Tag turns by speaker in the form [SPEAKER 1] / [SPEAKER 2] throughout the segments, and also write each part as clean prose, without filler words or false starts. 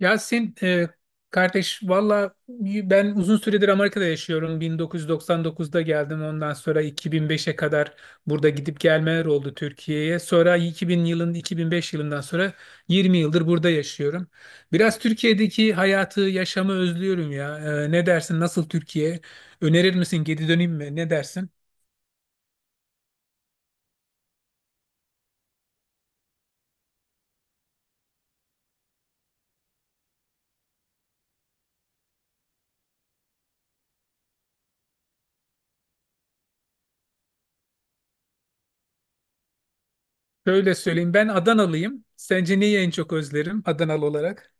[SPEAKER 1] Yasin kardeş, valla ben uzun süredir Amerika'da yaşıyorum. 1999'da geldim. Ondan sonra 2005'e kadar burada gidip gelmeler oldu Türkiye'ye. Sonra 2000 yılın 2005 yılından sonra 20 yıldır burada yaşıyorum. Biraz Türkiye'deki hayatı, yaşamı özlüyorum ya. Ne dersin? Nasıl Türkiye? Önerir misin? Geri döneyim mi? Ne dersin? Şöyle söyleyeyim. Ben Adanalıyım. Sence neyi en çok özlerim Adanalı olarak?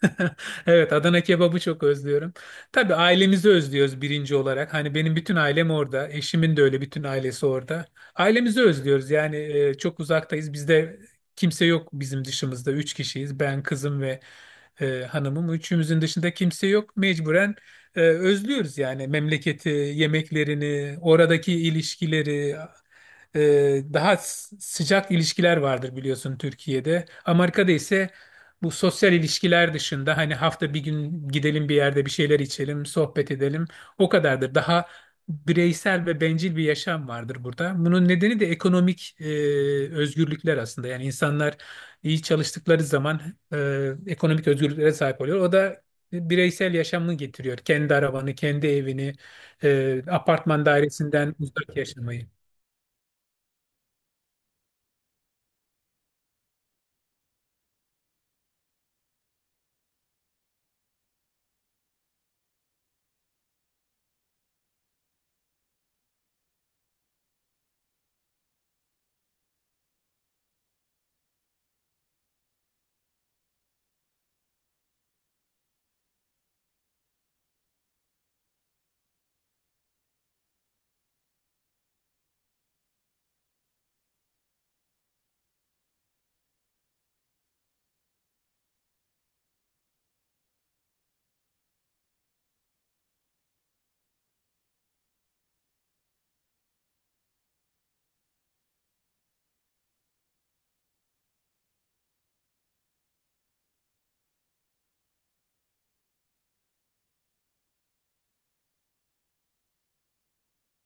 [SPEAKER 1] Evet, Adana kebabı çok özlüyorum. Tabii ailemizi özlüyoruz birinci olarak. Hani benim bütün ailem orada. Eşimin de öyle bütün ailesi orada. Ailemizi özlüyoruz. Yani çok uzaktayız. Bizde kimse yok bizim dışımızda. Üç kişiyiz. Ben, kızım ve hanımım. Üçümüzün dışında kimse yok. Mecburen özlüyoruz yani memleketi, yemeklerini, oradaki ilişkileri. Daha sıcak ilişkiler vardır biliyorsun Türkiye'de. Amerika'da ise bu sosyal ilişkiler dışında hani hafta bir gün gidelim, bir yerde bir şeyler içelim, sohbet edelim. O kadardır. Daha bireysel ve bencil bir yaşam vardır burada. Bunun nedeni de ekonomik özgürlükler aslında. Yani insanlar iyi çalıştıkları zaman ekonomik özgürlüklere sahip oluyor. O da bireysel yaşamını getiriyor. Kendi arabanı, kendi evini, apartman dairesinden uzak yaşamayı.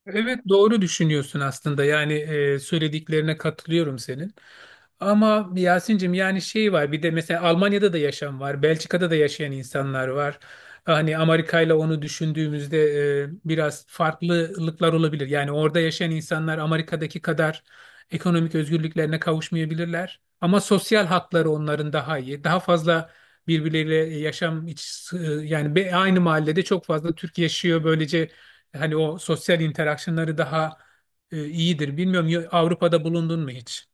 [SPEAKER 1] Evet, doğru düşünüyorsun aslında. Yani söylediklerine katılıyorum senin. Ama Yasin'cim, yani şey var bir de, mesela Almanya'da da yaşam var, Belçika'da da yaşayan insanlar var. Hani Amerika ile onu düşündüğümüzde biraz farklılıklar olabilir. Yani orada yaşayan insanlar Amerika'daki kadar ekonomik özgürlüklerine kavuşmayabilirler. Ama sosyal hakları onların daha iyi. Daha fazla birbirleriyle yaşam, yani aynı mahallede çok fazla Türk yaşıyor, böylece hani o sosyal interaksiyonları daha iyidir. Bilmiyorum, Avrupa'da bulundun mu hiç?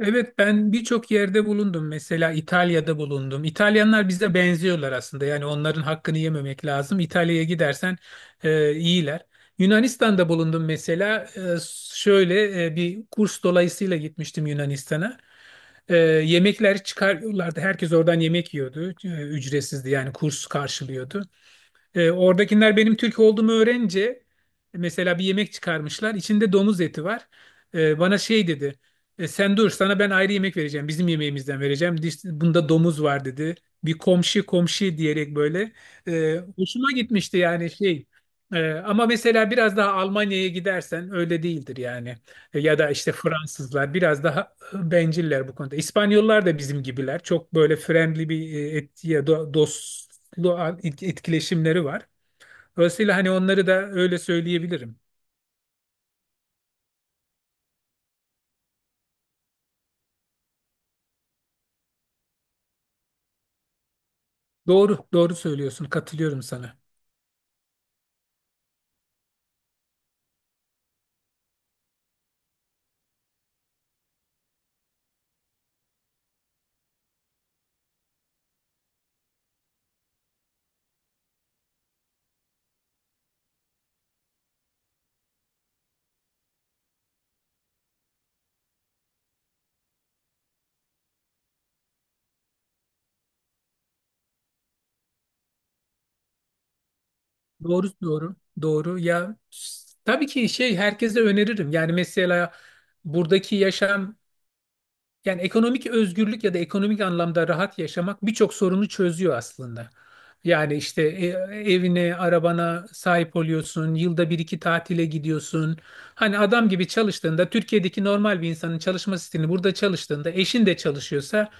[SPEAKER 1] Evet, ben birçok yerde bulundum. Mesela İtalya'da bulundum. İtalyanlar bize benziyorlar aslında. Yani onların hakkını yememek lazım. İtalya'ya gidersen iyiler. Yunanistan'da bulundum mesela. Şöyle bir kurs dolayısıyla gitmiştim Yunanistan'a. Yemekler çıkarıyorlardı. Herkes oradan yemek yiyordu. Ücretsizdi yani, kurs karşılıyordu. Oradakiler benim Türk olduğumu öğrenince mesela bir yemek çıkarmışlar, İçinde domuz eti var. Bana şey dedi: Sen dur, sana ben ayrı yemek vereceğim. Bizim yemeğimizden vereceğim. Bunda domuz var," dedi. Bir komşu komşu diyerek böyle. Hoşuma gitmişti yani, şey. Ama mesela biraz daha Almanya'ya gidersen öyle değildir yani. Ya da işte Fransızlar biraz daha benciller bu konuda. İspanyollar da bizim gibiler. Çok böyle friendly bir dostlu etkileşimleri var. Dolayısıyla hani onları da öyle söyleyebilirim. Doğru, doğru söylüyorsun. Katılıyorum sana. Doğru, doğru, doğru. Ya, tabii ki şey, herkese öneririm. Yani mesela buradaki yaşam, yani ekonomik özgürlük ya da ekonomik anlamda rahat yaşamak birçok sorunu çözüyor aslında. Yani işte evine, arabana sahip oluyorsun, yılda bir iki tatile gidiyorsun. Hani adam gibi çalıştığında, Türkiye'deki normal bir insanın çalışma stilini burada çalıştığında, eşin de çalışıyorsa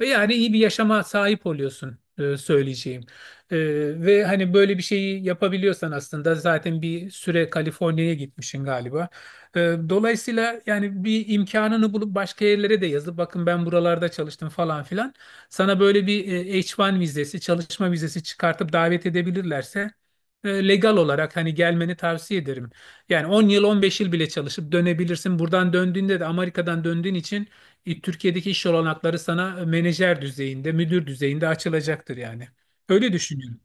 [SPEAKER 1] yani iyi bir yaşama sahip oluyorsun söyleyeceğim. E, Ve hani böyle bir şeyi yapabiliyorsan, aslında zaten bir süre Kaliforniya'ya gitmişsin galiba. Dolayısıyla yani bir imkanını bulup başka yerlere de yazıp, "Bakın, ben buralarda çalıştım," falan filan. Sana böyle bir H1 vizesi, çalışma vizesi çıkartıp davet edebilirlerse legal olarak hani gelmeni tavsiye ederim. Yani 10 yıl, 15 yıl bile çalışıp dönebilirsin. Buradan döndüğünde de, Amerika'dan döndüğün için Türkiye'deki iş olanakları sana menajer düzeyinde, müdür düzeyinde açılacaktır yani. Öyle düşünüyorum.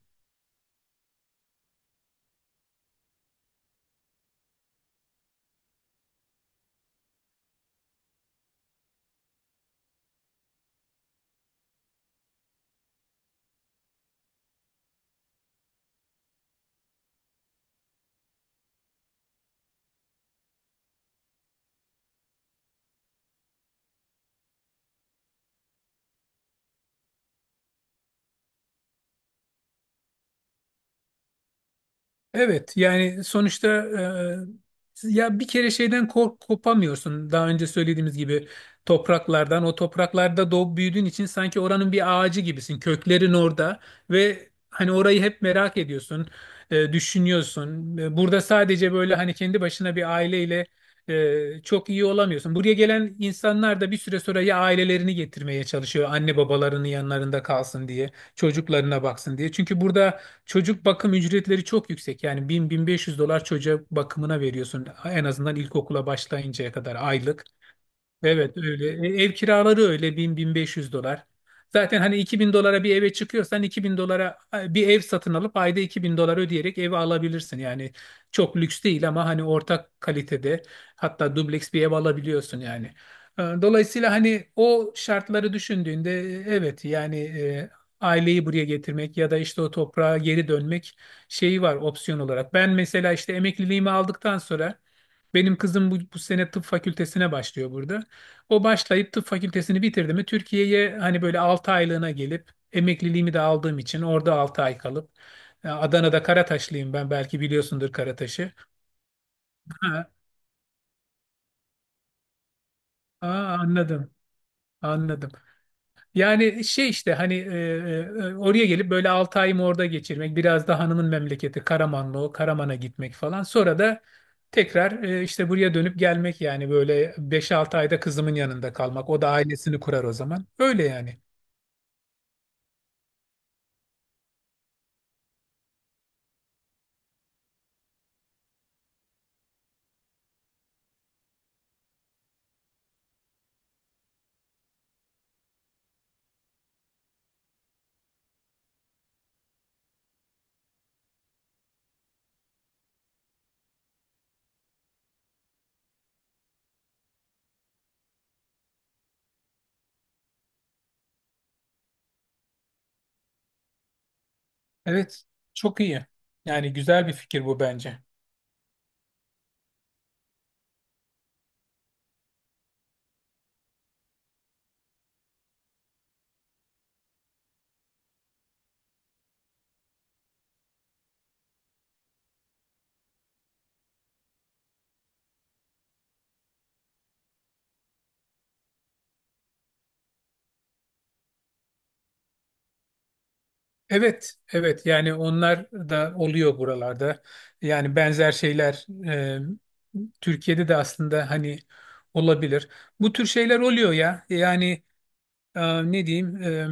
[SPEAKER 1] Evet yani sonuçta ya bir kere şeyden kopamıyorsun. Daha önce söylediğimiz gibi, topraklardan, o topraklarda doğup büyüdüğün için sanki oranın bir ağacı gibisin. Köklerin orada ve hani orayı hep merak ediyorsun, düşünüyorsun. Burada sadece böyle hani kendi başına bir aileyle çok iyi olamıyorsun. Buraya gelen insanlar da bir süre sonra ya ailelerini getirmeye çalışıyor, anne babalarının yanlarında kalsın diye, çocuklarına baksın diye. Çünkü burada çocuk bakım ücretleri çok yüksek. Yani 1.000-1.500 dolar çocuğa, bakımına veriyorsun, en azından ilkokula başlayıncaya kadar, aylık. Evet, öyle. Ev kiraları öyle, 1.000-1.500 dolar. Zaten hani 2.000 dolara bir eve çıkıyorsan, 2.000 dolara bir ev satın alıp ayda 2.000 dolar ödeyerek evi alabilirsin. Yani çok lüks değil ama hani ortak kalitede, hatta dubleks bir ev alabiliyorsun yani. Dolayısıyla hani o şartları düşündüğünde evet, yani aileyi buraya getirmek ya da işte o toprağa geri dönmek şeyi var, opsiyon olarak. Ben mesela işte emekliliğimi aldıktan sonra, benim kızım bu sene tıp fakültesine başlıyor burada. O başlayıp tıp fakültesini bitirdi mi, Türkiye'ye hani böyle 6 aylığına gelip, emekliliğimi de aldığım için orada 6 ay kalıp Adana'da, Karataşlıyım ben, belki biliyorsundur Karataş'ı. Ha, aa, anladım, anladım. Yani şey işte, hani oraya gelip böyle 6 ayımı orada geçirmek, biraz da hanımın memleketi Karamanlı, o Karaman'a gitmek falan, sonra da tekrar işte buraya dönüp gelmek, yani böyle 5-6 ayda kızımın yanında kalmak, o da ailesini kurar o zaman, öyle yani. Evet, çok iyi. Yani güzel bir fikir bu bence. Evet, evet. Yani onlar da oluyor buralarda. Yani benzer şeyler Türkiye'de de aslında hani olabilir. Bu tür şeyler oluyor ya. Yani ne diyeyim?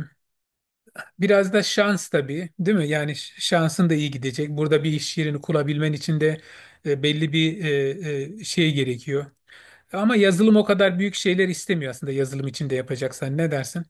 [SPEAKER 1] Biraz da şans tabii, değil mi? Yani şansın da iyi gidecek. Burada bir iş yerini kurabilmen için de belli bir şey gerekiyor. Ama yazılım o kadar büyük şeyler istemiyor aslında. Yazılım içinde yapacaksan, ne dersin?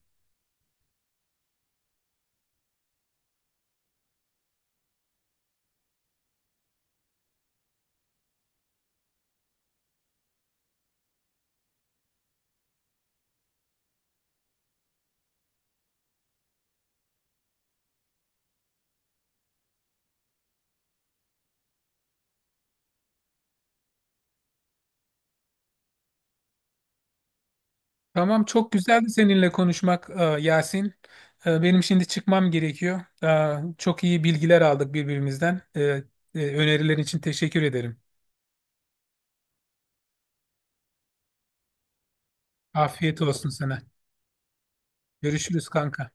[SPEAKER 1] Tamam, çok güzeldi seninle konuşmak Yasin. Benim şimdi çıkmam gerekiyor. Çok iyi bilgiler aldık birbirimizden. Önerilerin için teşekkür ederim. Afiyet olsun sana. Görüşürüz kanka.